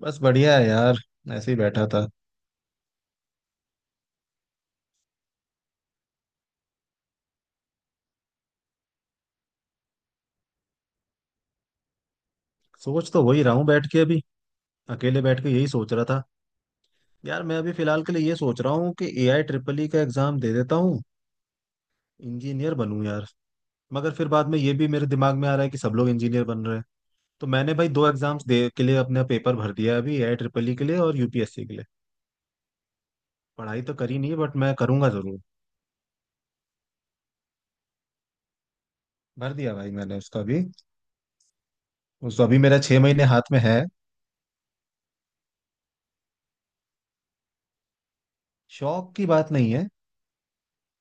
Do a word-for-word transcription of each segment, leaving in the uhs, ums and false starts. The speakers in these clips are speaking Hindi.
बस बढ़िया है यार। ऐसे ही बैठा था। सोच तो वही रहा हूँ बैठ के अभी। अकेले बैठ के यही सोच रहा था। यार मैं अभी फिलहाल के लिए ये सोच रहा हूँ कि एआई ट्रिपल ई का एग्जाम दे देता हूँ। इंजीनियर बनूँ यार। मगर फिर बाद में ये भी मेरे दिमाग में आ रहा है कि सब लोग इंजीनियर बन रहे हैं। तो मैंने भाई दो एग्जाम्स दे के लिए अपना पेपर भर दिया है अभी, एआई ट्रिपल ई के लिए और यूपीएससी के लिए। पढ़ाई तो करी नहीं बट मैं करूंगा जरूर। भर दिया भाई मैंने उसका भी। उस अभी मेरा छह महीने हाथ में है। शौक की बात नहीं है।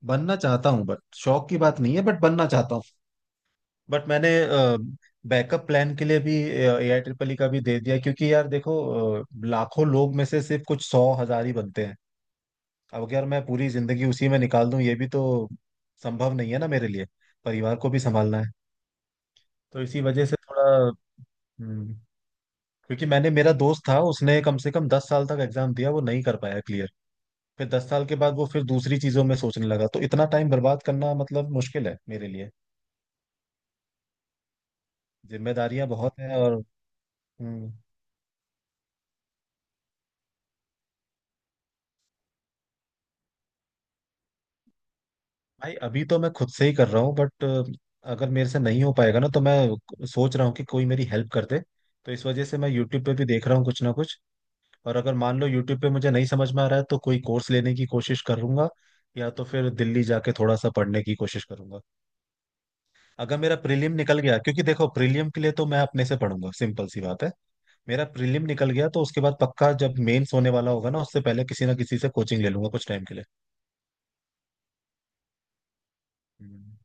बनना चाहता हूँ बट शौक की बात नहीं है, बट बनना चाहता हूँ। बट मैंने बैकअप प्लान के लिए भी ए आई ट्रिपल ई का भी दे दिया, क्योंकि यार देखो अ, लाखों लोग में से सिर्फ कुछ सौ हजार ही बनते हैं। अब अगर मैं पूरी जिंदगी उसी में निकाल दूं ये भी तो संभव नहीं है ना मेरे लिए। परिवार को भी संभालना है। तो इसी वजह से थोड़ा हम्म, क्योंकि मैंने, मेरा दोस्त था उसने कम से कम दस साल तक एग्जाम दिया, वो नहीं कर पाया क्लियर। फिर दस साल के बाद वो फिर दूसरी चीजों में सोचने लगा, तो इतना टाइम बर्बाद करना मतलब मुश्किल है मेरे लिए। जिम्मेदारियां बहुत हैं और हम्म, भाई अभी तो मैं खुद से ही कर रहा हूँ, बट अगर मेरे से नहीं हो पाएगा ना तो मैं सोच रहा हूँ कि कोई मेरी हेल्प कर दे। तो इस वजह से मैं यूट्यूब पे भी देख रहा हूँ कुछ ना कुछ। और अगर मान लो यूट्यूब पे मुझे नहीं समझ में आ रहा है तो कोई कोर्स लेने की कोशिश करूंगा, या तो फिर दिल्ली जाके थोड़ा सा पढ़ने की कोशिश करूंगा। अगर मेरा प्रीलिम निकल गया, क्योंकि देखो प्रीलिम के लिए तो मैं अपने से पढ़ूंगा सिंपल सी बात है। मेरा प्रीलिम निकल गया तो उसके बाद पक्का, जब मेंस होने वाला होगा ना उससे पहले किसी ना किसी से कोचिंग ले लूंगा कुछ टाइम के लिए। हम्म।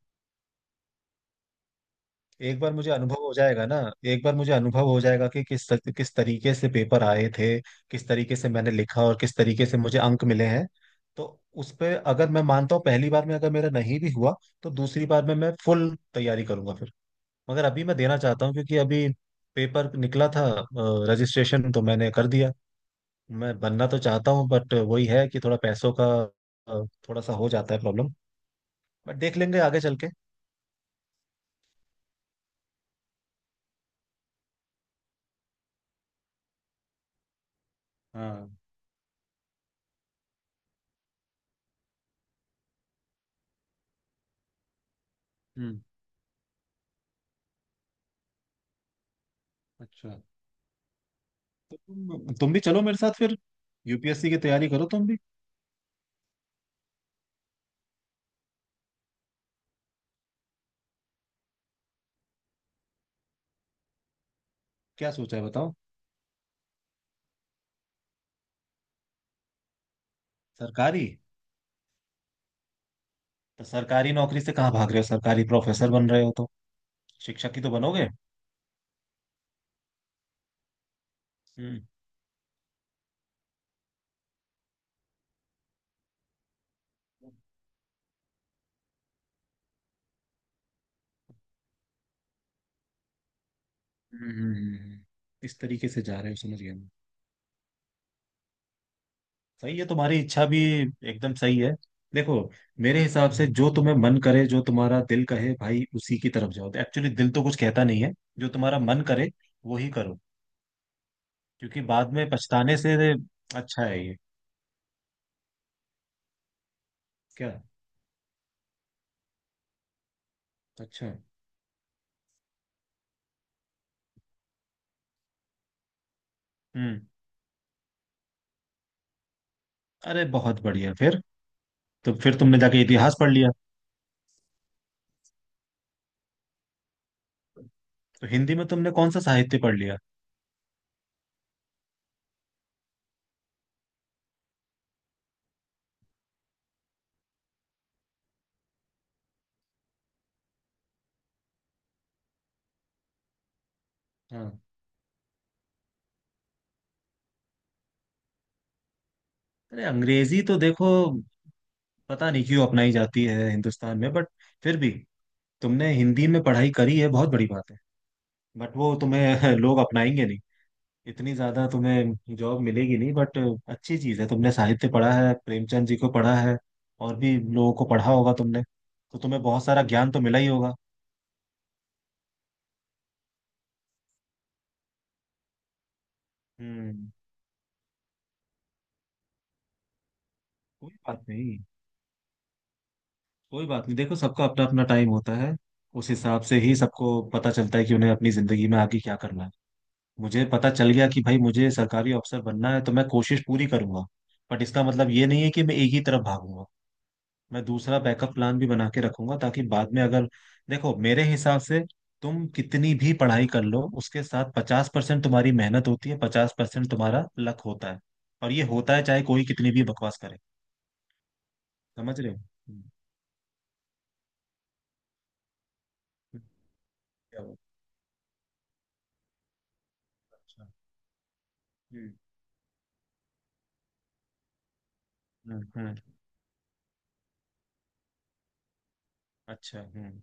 एक बार मुझे अनुभव हो जाएगा ना, एक बार मुझे अनुभव हो जाएगा कि किस तक- किस तरीके से पेपर आए थे, किस तरीके से मैंने लिखा और किस तरीके से मुझे अंक मिले हैं। तो उस पे अगर मैं मानता हूँ पहली बार में अगर मेरा नहीं भी हुआ, तो दूसरी बार में मैं फुल तैयारी करूंगा फिर। मगर अभी मैं देना चाहता हूँ क्योंकि अभी पेपर निकला था, रजिस्ट्रेशन तो मैंने कर दिया। मैं बनना तो चाहता हूँ बट वही है कि थोड़ा पैसों का अ, थोड़ा सा हो जाता है प्रॉब्लम। बट देख लेंगे आगे चल के। हाँ। हम्म। अच्छा तो तुम तुम भी चलो मेरे साथ फिर, यूपीएससी की तैयारी करो तुम भी। क्या सोचा है बताओ। सरकारी? तो सरकारी नौकरी से कहाँ भाग रहे हो, सरकारी प्रोफेसर बन रहे हो तो। शिक्षक ही तो बनोगे। हम्म, हम्म, हम्म, हम्म। इस तरीके से जा रहे हो, समझ गया मैं। सही है तुम्हारी इच्छा भी। एकदम सही है। देखो, मेरे हिसाब से जो तुम्हें मन करे जो तुम्हारा दिल कहे भाई उसी की तरफ जाओ। एक्चुअली दिल तो कुछ कहता नहीं है। जो तुम्हारा मन करे वो ही करो। क्योंकि बाद में पछताने से अच्छा है ये। क्या? अच्छा। हम्म। अरे बहुत बढ़िया फिर तो। फिर तुमने जाके इतिहास पढ़ लिया? तो हिंदी में तुमने कौन सा साहित्य पढ़ लिया? हाँ। अरे अंग्रेजी तो देखो, पता नहीं क्यों अपनाई जाती है हिंदुस्तान में बट, फिर भी तुमने हिंदी में पढ़ाई करी है बहुत बड़ी बात है। बट वो तुम्हें लोग अपनाएंगे नहीं, इतनी ज्यादा तुम्हें जॉब मिलेगी नहीं बट अच्छी चीज है तुमने साहित्य पढ़ा है, प्रेमचंद जी को पढ़ा है, और भी लोगों को पढ़ा होगा तुमने। तो तुम्हें बहुत सारा ज्ञान तो मिला ही होगा। हम्म। कोई बात नहीं, कोई बात नहीं। देखो सबका अपना अपना टाइम होता है। उस हिसाब से ही सबको पता चलता है कि उन्हें अपनी जिंदगी में आगे क्या करना है। मुझे पता चल गया कि भाई मुझे सरकारी अफसर बनना है तो मैं कोशिश पूरी करूंगा। बट इसका मतलब ये नहीं है कि मैं एक ही तरफ भागूंगा। मैं दूसरा बैकअप प्लान भी बना के रखूंगा ताकि बाद में अगर, देखो मेरे हिसाब से तुम कितनी भी पढ़ाई कर लो उसके साथ पचास परसेंट तुम्हारी मेहनत होती है, पचास परसेंट तुम्हारा लक होता है। और ये होता है चाहे कोई कितनी भी बकवास करे। समझ रहे हो। हम्म। क्या बात। अच्छा। हम्म, हम्म, हम्म, अच्छा। हम्म।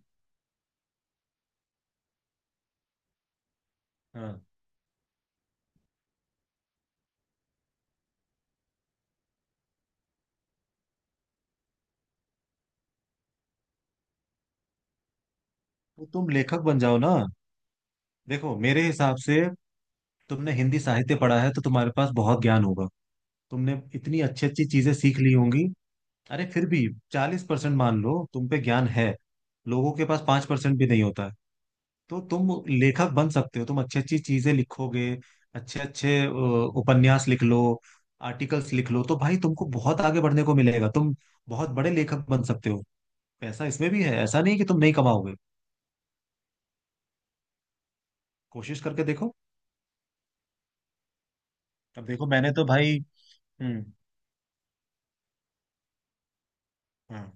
हाँ। तो तुम लेखक बन जाओ ना। देखो मेरे हिसाब से तुमने हिंदी साहित्य पढ़ा है तो तुम्हारे पास बहुत ज्ञान होगा। तुमने इतनी अच्छी अच्छी चीजें सीख ली होंगी। अरे फिर भी चालीस परसेंट मान लो तुम पे ज्ञान है, लोगों के पास पांच परसेंट भी नहीं होता है। तो तुम लेखक बन सकते हो, तुम अच्छी अच्छी चीजें लिखोगे, अच्छे अच्छे अ, उपन्यास लिख लो, आर्टिकल्स लिख लो, तो भाई तुमको बहुत आगे बढ़ने को मिलेगा। तुम बहुत बड़े लेखक बन सकते हो। पैसा इसमें भी है, ऐसा नहीं कि तुम नहीं कमाओगे। कोशिश करके देखो। अब देखो मैंने तो भाई, हम्म। हाँ।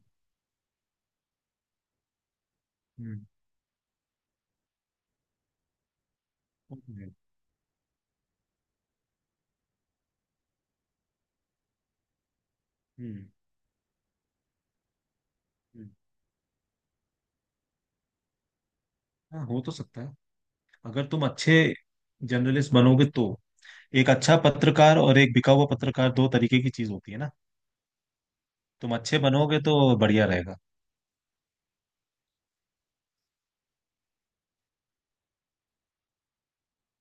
हम्म। वो तो है, हम्म, हम्म, हाँ हो तो सकता है। अगर तुम अच्छे जर्नलिस्ट बनोगे तो, एक अच्छा पत्रकार और एक बिका हुआ पत्रकार, दो तरीके की चीज होती है ना। तुम अच्छे बनोगे तो बढ़िया रहेगा।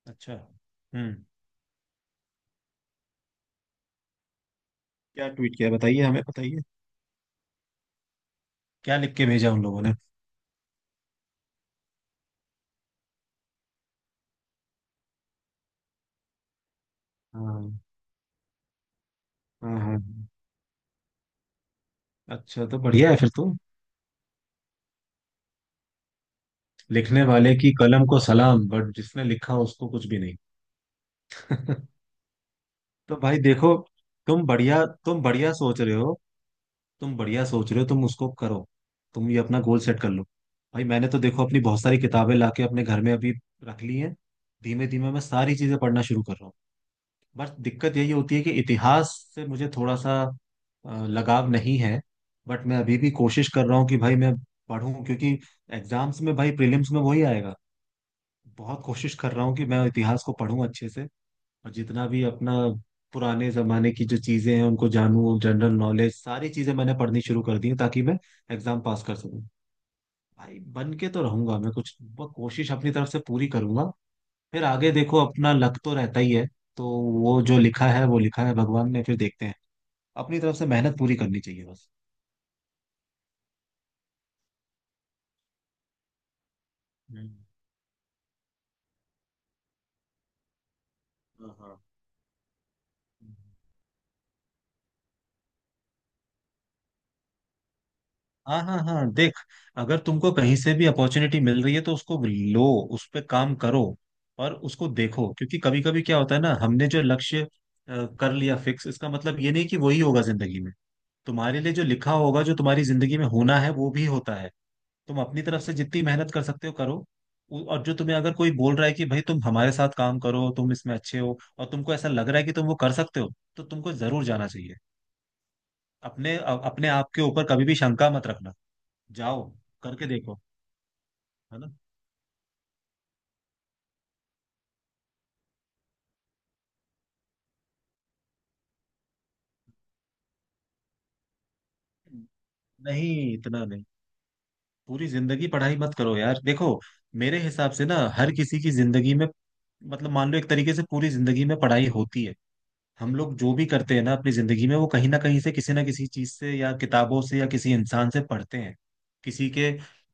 अच्छा। हम्म। क्या ट्वीट किया, बताइए हमें, बताइए क्या लिख के भेजा उन लोगों ने। हाँ, हाँ, हाँ, हाँ। अच्छा तो बढ़िया है फिर तो। लिखने वाले की कलम को सलाम, बट जिसने लिखा उसको कुछ भी नहीं। तो भाई देखो, तुम बढ़िया तुम बढ़िया सोच रहे हो, तुम बढ़िया सोच रहे हो, तुम उसको करो। तुम ये अपना गोल सेट कर लो। भाई मैंने तो देखो अपनी बहुत सारी किताबें लाके अपने घर में अभी रख ली हैं। धीमे धीमे मैं सारी चीजें पढ़ना शुरू कर रहा हूँ। बस दिक्कत यही होती है कि इतिहास से मुझे थोड़ा सा अ, लगाव नहीं है। बट मैं अभी भी कोशिश कर रहा हूँ कि भाई मैं पढूं, क्योंकि एग्जाम्स में भाई प्रीलिम्स में वही आएगा। बहुत कोशिश कर रहा हूँ कि मैं इतिहास को पढूं अच्छे से, और जितना भी अपना पुराने जमाने की जो चीजें हैं उनको जानूं। जनरल नॉलेज सारी चीजें मैंने पढ़नी शुरू कर दी हैं ताकि मैं एग्जाम पास कर सकूं। भाई बन के तो रहूंगा मैं कुछ ब- कोशिश अपनी तरफ से पूरी करूंगा। फिर आगे देखो अपना लक तो रहता ही है। तो वो जो लिखा है वो लिखा है भगवान ने, फिर देखते हैं। अपनी तरफ से मेहनत पूरी करनी चाहिए बस। हम्म। हाँ, हाँ, हाँ, हाँ, हाँ देख, अगर तुमको कहीं से भी अपॉर्चुनिटी मिल रही है तो उसको लो, उस पे काम करो और उसको देखो। क्योंकि कभी कभी क्या होता है ना, हमने जो लक्ष्य अ, कर लिया फिक्स, इसका मतलब ये नहीं कि वही होगा जिंदगी में। तुम्हारे लिए जो लिखा होगा, जो तुम्हारी जिंदगी में होना है वो भी होता है। तुम अपनी तरफ से जितनी मेहनत कर सकते हो करो। उ- और जो तुम्हें अगर कोई बोल रहा है कि भाई तुम हमारे साथ काम करो, तुम इसमें अच्छे हो और तुमको ऐसा लग रहा है कि तुम वो कर सकते हो, तो तुमको जरूर जाना चाहिए। अपने अ- अपने आप के ऊपर कभी भी शंका मत रखना। जाओ, करके देखो। है ना। नहीं, इतना नहीं। पूरी जिंदगी पढ़ाई मत करो यार। देखो मेरे हिसाब से ना हर किसी की जिंदगी में, मतलब मान लो एक तरीके से पूरी जिंदगी में पढ़ाई होती है। हम लोग जो भी करते हैं ना अपनी जिंदगी में, वो कहीं ना कहीं से किसी ना किसी चीज से या किताबों से या किसी इंसान से पढ़ते हैं, किसी के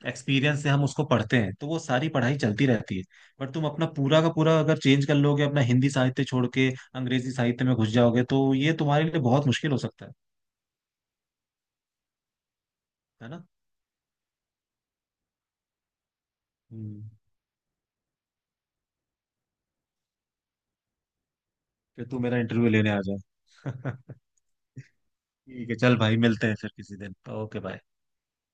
एक्सपीरियंस से हम उसको पढ़ते हैं। तो वो सारी पढ़ाई चलती रहती है। बट तुम अपना पूरा का पूरा अगर चेंज कर लोगे, अपना हिंदी साहित्य छोड़ के अंग्रेजी साहित्य में घुस जाओगे, तो ये तुम्हारे लिए बहुत मुश्किल हो सकता है। है ना। हम्म, फिर तू मेरा इंटरव्यू लेने आ जा। ठीक है चल भाई, मिलते हैं फिर किसी दिन। Okay, bye.